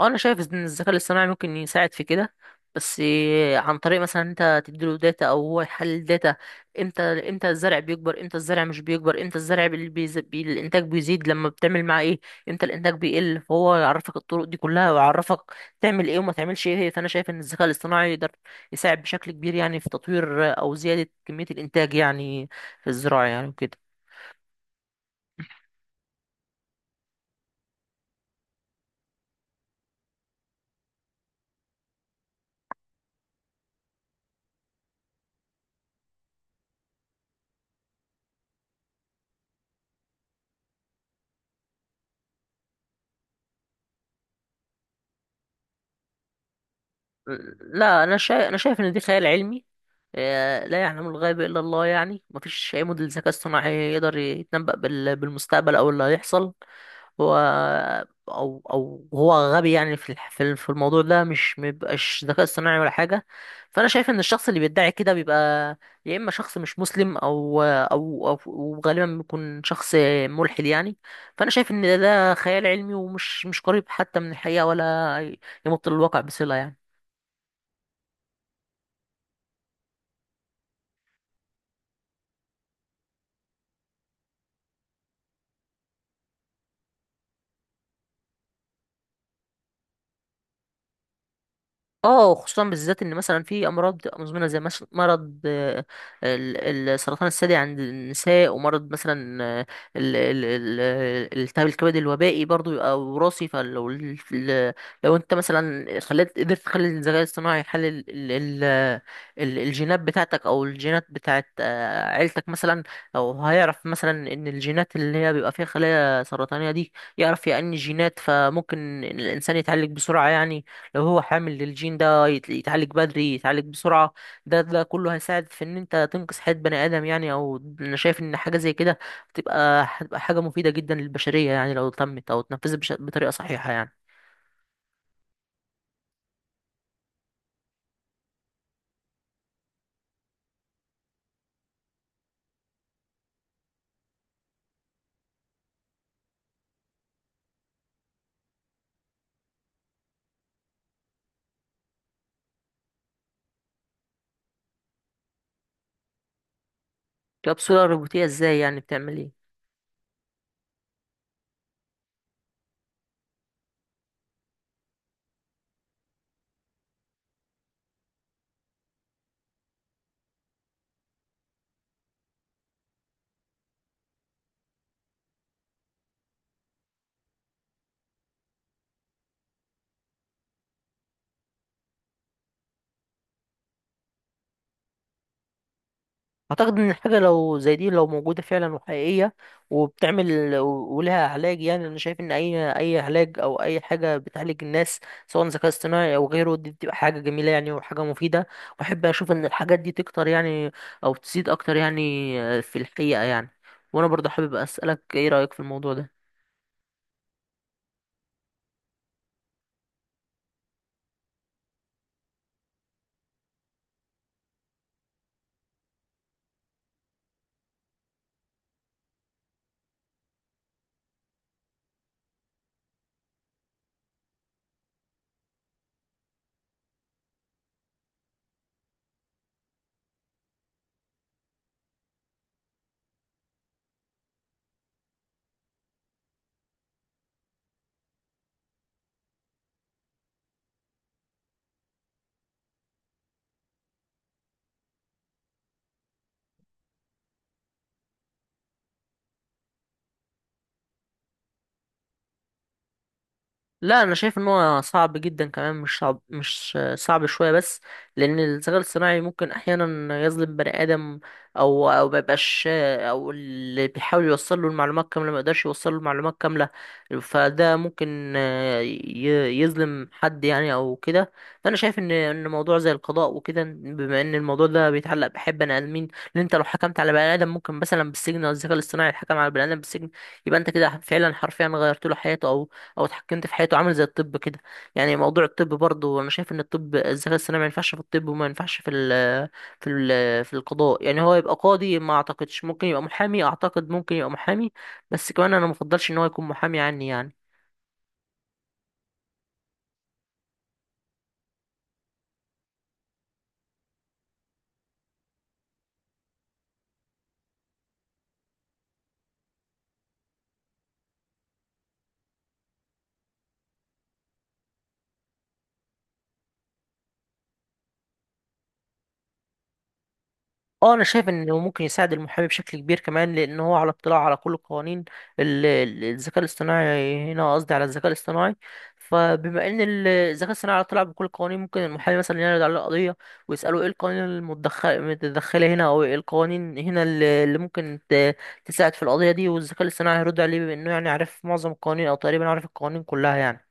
اه، انا شايف ان الذكاء الاصطناعي ممكن يساعد في كده. بس إيه، عن طريق مثلا انت تديله داتا او هو يحلل داتا. امتى الزرع بيكبر، امتى الزرع مش بيكبر، امتى الزرع الانتاج بيزيد لما بتعمل معاه ايه، امتى الانتاج بيقل. فهو يعرفك الطرق دي كلها ويعرفك تعمل ايه وما تعملش ايه. فانا شايف ان الذكاء الاصطناعي يقدر يساعد بشكل كبير يعني في تطوير او زيادة كمية الانتاج يعني في الزراعة يعني وكده. لا، انا شايف ان دي خيال علمي. لا يعلم الغيب الا الله يعني، مفيش اي موديل ذكاء اصطناعي يقدر يتنبأ بالمستقبل او اللي هيحصل هو. او هو غبي يعني في الح- في ال- في الموضوع ده، مش مبقاش ذكاء اصطناعي ولا حاجه. فانا شايف ان الشخص اللي بيدعي كده بيبقى يا اما شخص مش مسلم او او او وغالبا بيكون شخص ملحد يعني. فانا شايف ان ده خيال علمي، ومش مش قريب حتى من الحقيقه ولا يمط للواقع بصله يعني. اه، خصوصا بالذات ان مثلا في امراض بتبقى مزمنه زي مرض السرطان الثدي عند النساء، ومرض مثلا التهاب الكبد الوبائي برضو يبقى وراثي. لو انت مثلا خليت قدرت تخلي الذكاء الاصطناعي يحلل الجينات بتاعتك او الجينات بتاعت عيلتك مثلا، او هيعرف مثلا ان الجينات اللي هي بيبقى فيها خلايا سرطانيه دي، يعرف يعني الجينات، فممكن الانسان يتعالج بسرعه يعني. لو هو حامل للجين ده يتعالج بدري، يتعالج بسرعة. ده كله هيساعد في ان انت تنقذ حياة بني ادم يعني. او انا شايف ان حاجة زي كده هتبقى حاجة مفيدة جدا للبشرية يعني، لو تمت او اتنفذت بطريقة صحيحة يعني. كبسولة روبوتية ازاي يعني؟ بتعمل ايه؟ اعتقد ان الحاجه لو زي دي لو موجوده فعلا وحقيقيه وبتعمل ولها علاج يعني، انا شايف ان اي علاج او اي حاجه بتعالج الناس، سواء ذكاء اصطناعي او غيره، دي بتبقى حاجه جميله يعني وحاجه مفيده. واحب اشوف ان الحاجات دي تكتر يعني، او تزيد اكتر يعني في الحقيقه يعني. وانا برضه حابب اسالك، ايه رايك في الموضوع ده؟ لا، انا شايف ان هو صعب جدا كمان، مش صعب شويه بس. لان الذكاء الاصطناعي ممكن احيانا يظلم بني ادم، او ما يبقاش، او اللي بيحاول يوصل له المعلومات كامله ما يقدرش يوصل له المعلومات كامله. فده ممكن يظلم حد يعني او كده. فانا شايف ان موضوع زي القضاء وكده، بما ان الموضوع ده بيتعلق بحب بني ادمين، ان انت لو حكمت على بني ادم ممكن مثلا بالسجن، او الذكاء الاصطناعي حكم على بني ادم بالسجن، يبقى انت كده فعلا حرفيا غيرت له حياته او اتحكمت في حياته، عامل زي الطب كده. يعني موضوع الطب برضه انا شايف ان الطب، الذكاء الصناعي ما ينفعش في الطب، وما ينفعش في القضاء يعني. هو يبقى قاضي، ما اعتقدش. ممكن يبقى محامي، اعتقد ممكن يبقى محامي، بس كمان انا مفضلش ان هو يكون محامي عني يعني. اه، انا شايف انه ممكن يساعد المحامي بشكل كبير كمان، لان هو على اطلاع على كل القوانين. الذكاء الاصطناعي، هنا قصدي على الذكاء الاصطناعي. فبما ان الذكاء الاصطناعي على اطلاع بكل القوانين، ممكن المحامي مثلا يعرض عليه قضيه ويساله ايه القوانين المتدخله هنا، او ايه القوانين هنا اللي ممكن تساعد في القضيه دي، والذكاء الاصطناعي هيرد عليه بما انه يعني عارف معظم القوانين او تقريبا عارف القوانين كلها يعني.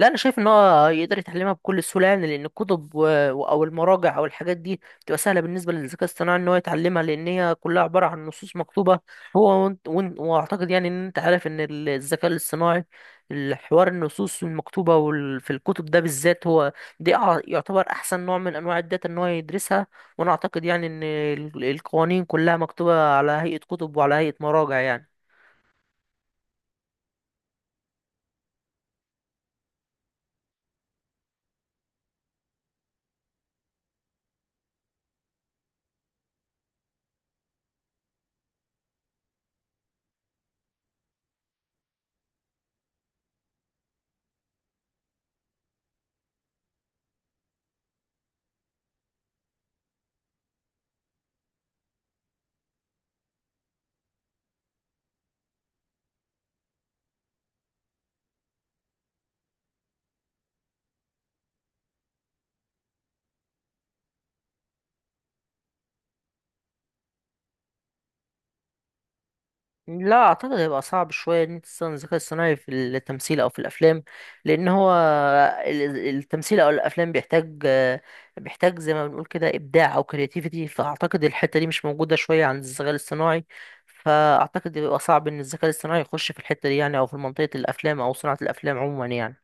لا، انا شايف ان هو يقدر يتعلمها بكل سهوله يعني، لان الكتب او المراجع او الحاجات دي بتبقى سهله بالنسبه للذكاء الاصطناعي ان هو يتعلمها، لان هي كلها عباره عن نصوص مكتوبه. هو واعتقد يعني ان انت عارف ان الذكاء الاصطناعي، الحوار النصوص المكتوبه في الكتب ده بالذات، هو دي يعتبر احسن نوع من انواع الداتا ان هو يدرسها. وانا اعتقد يعني ان القوانين كلها مكتوبه على هيئه كتب وعلى هيئه مراجع يعني. لا، اعتقد هيبقى صعب شويه ان انت تستخدم الذكاء الصناعي في التمثيل او في الافلام، لان هو التمثيل او الافلام بيحتاج زي ما بنقول كده ابداع او كرياتيفيتي. فاعتقد الحته دي مش موجوده شويه عند الذكاء الاصطناعي. فاعتقد بيبقى صعب ان الذكاء الاصطناعي يخش في الحته دي يعني، او في منطقه الافلام او صناعه الافلام عموما يعني.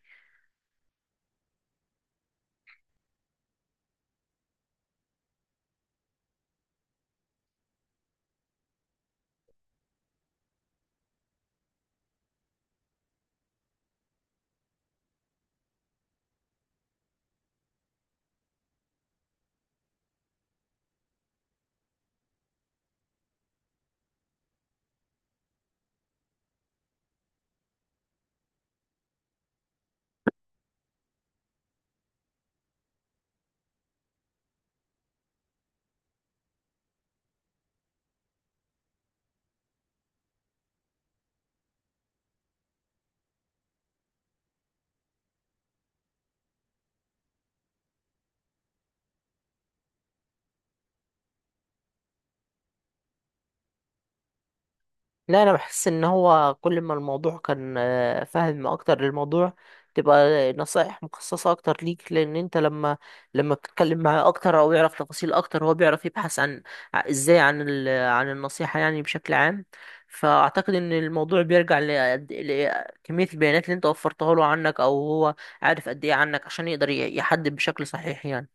لا، انا بحس ان هو كل ما الموضوع كان فاهم اكتر للموضوع، تبقى نصائح مخصصة اكتر ليك. لان انت لما بتتكلم معاه اكتر او يعرف تفاصيل اكتر، هو بيعرف يبحث عن ازاي عن النصيحة يعني بشكل عام. فاعتقد ان الموضوع بيرجع لكمية البيانات اللي انت وفرتها له عنك، او هو عارف قد ايه عنك عشان يقدر يحدد بشكل صحيح يعني.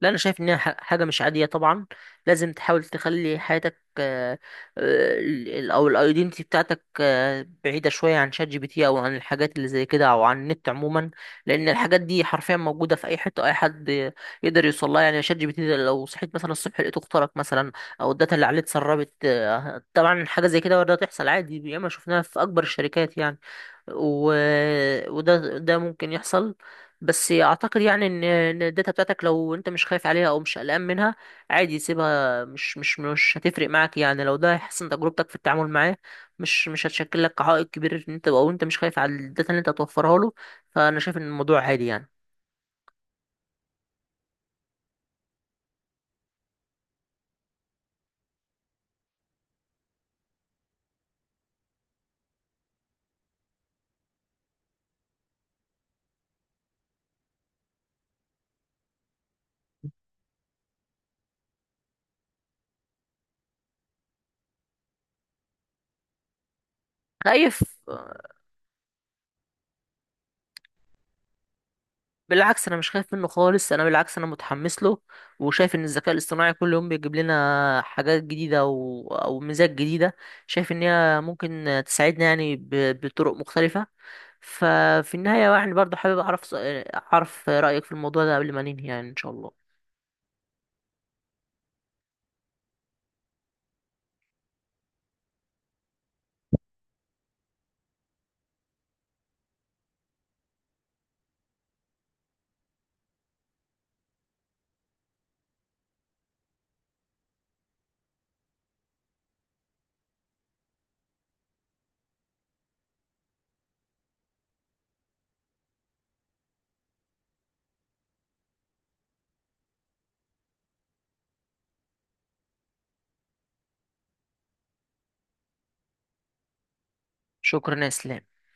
لا، انا شايف انها حاجه مش عاديه طبعا. لازم تحاول تخلي حياتك او الايدنتي بتاعتك بعيده شويه عن ChatGPT، او عن الحاجات اللي زي كده، او عن النت عموما. لان الحاجات دي حرفيا موجوده في اي حته، اي حد يقدر يوصل لها يعني. ChatGPT ده لو صحيت مثلا الصبح لقيته اخترق مثلا، او الداتا اللي عليه اتسربت طبعا، حاجه زي كده وارد تحصل عادي، ياما شفناها في اكبر الشركات يعني. و... وده ممكن يحصل. بس اعتقد يعني إن الداتا بتاعتك لو انت مش خايف عليها او مش قلقان منها، عادي سيبها. مش هتفرق معاك يعني لو ده هيحسن تجربتك في التعامل معاه. مش هتشكل لك عائق كبير ان انت، او انت مش خايف على الداتا اللي انت هتوفرها له. فانا شايف ان الموضوع عادي يعني. خايف؟ بالعكس، انا مش خايف منه خالص. انا بالعكس انا متحمس له، وشايف ان الذكاء الاصطناعي كل يوم بيجيب لنا حاجات جديده او ميزات جديده. شايف ان هي ممكن تساعدنا يعني بطرق مختلفه. ففي النهايه يعني برضه حابب اعرف رايك في الموضوع ده قبل ما ننهي يعني، ان شاء الله. شكرا يا اسلام.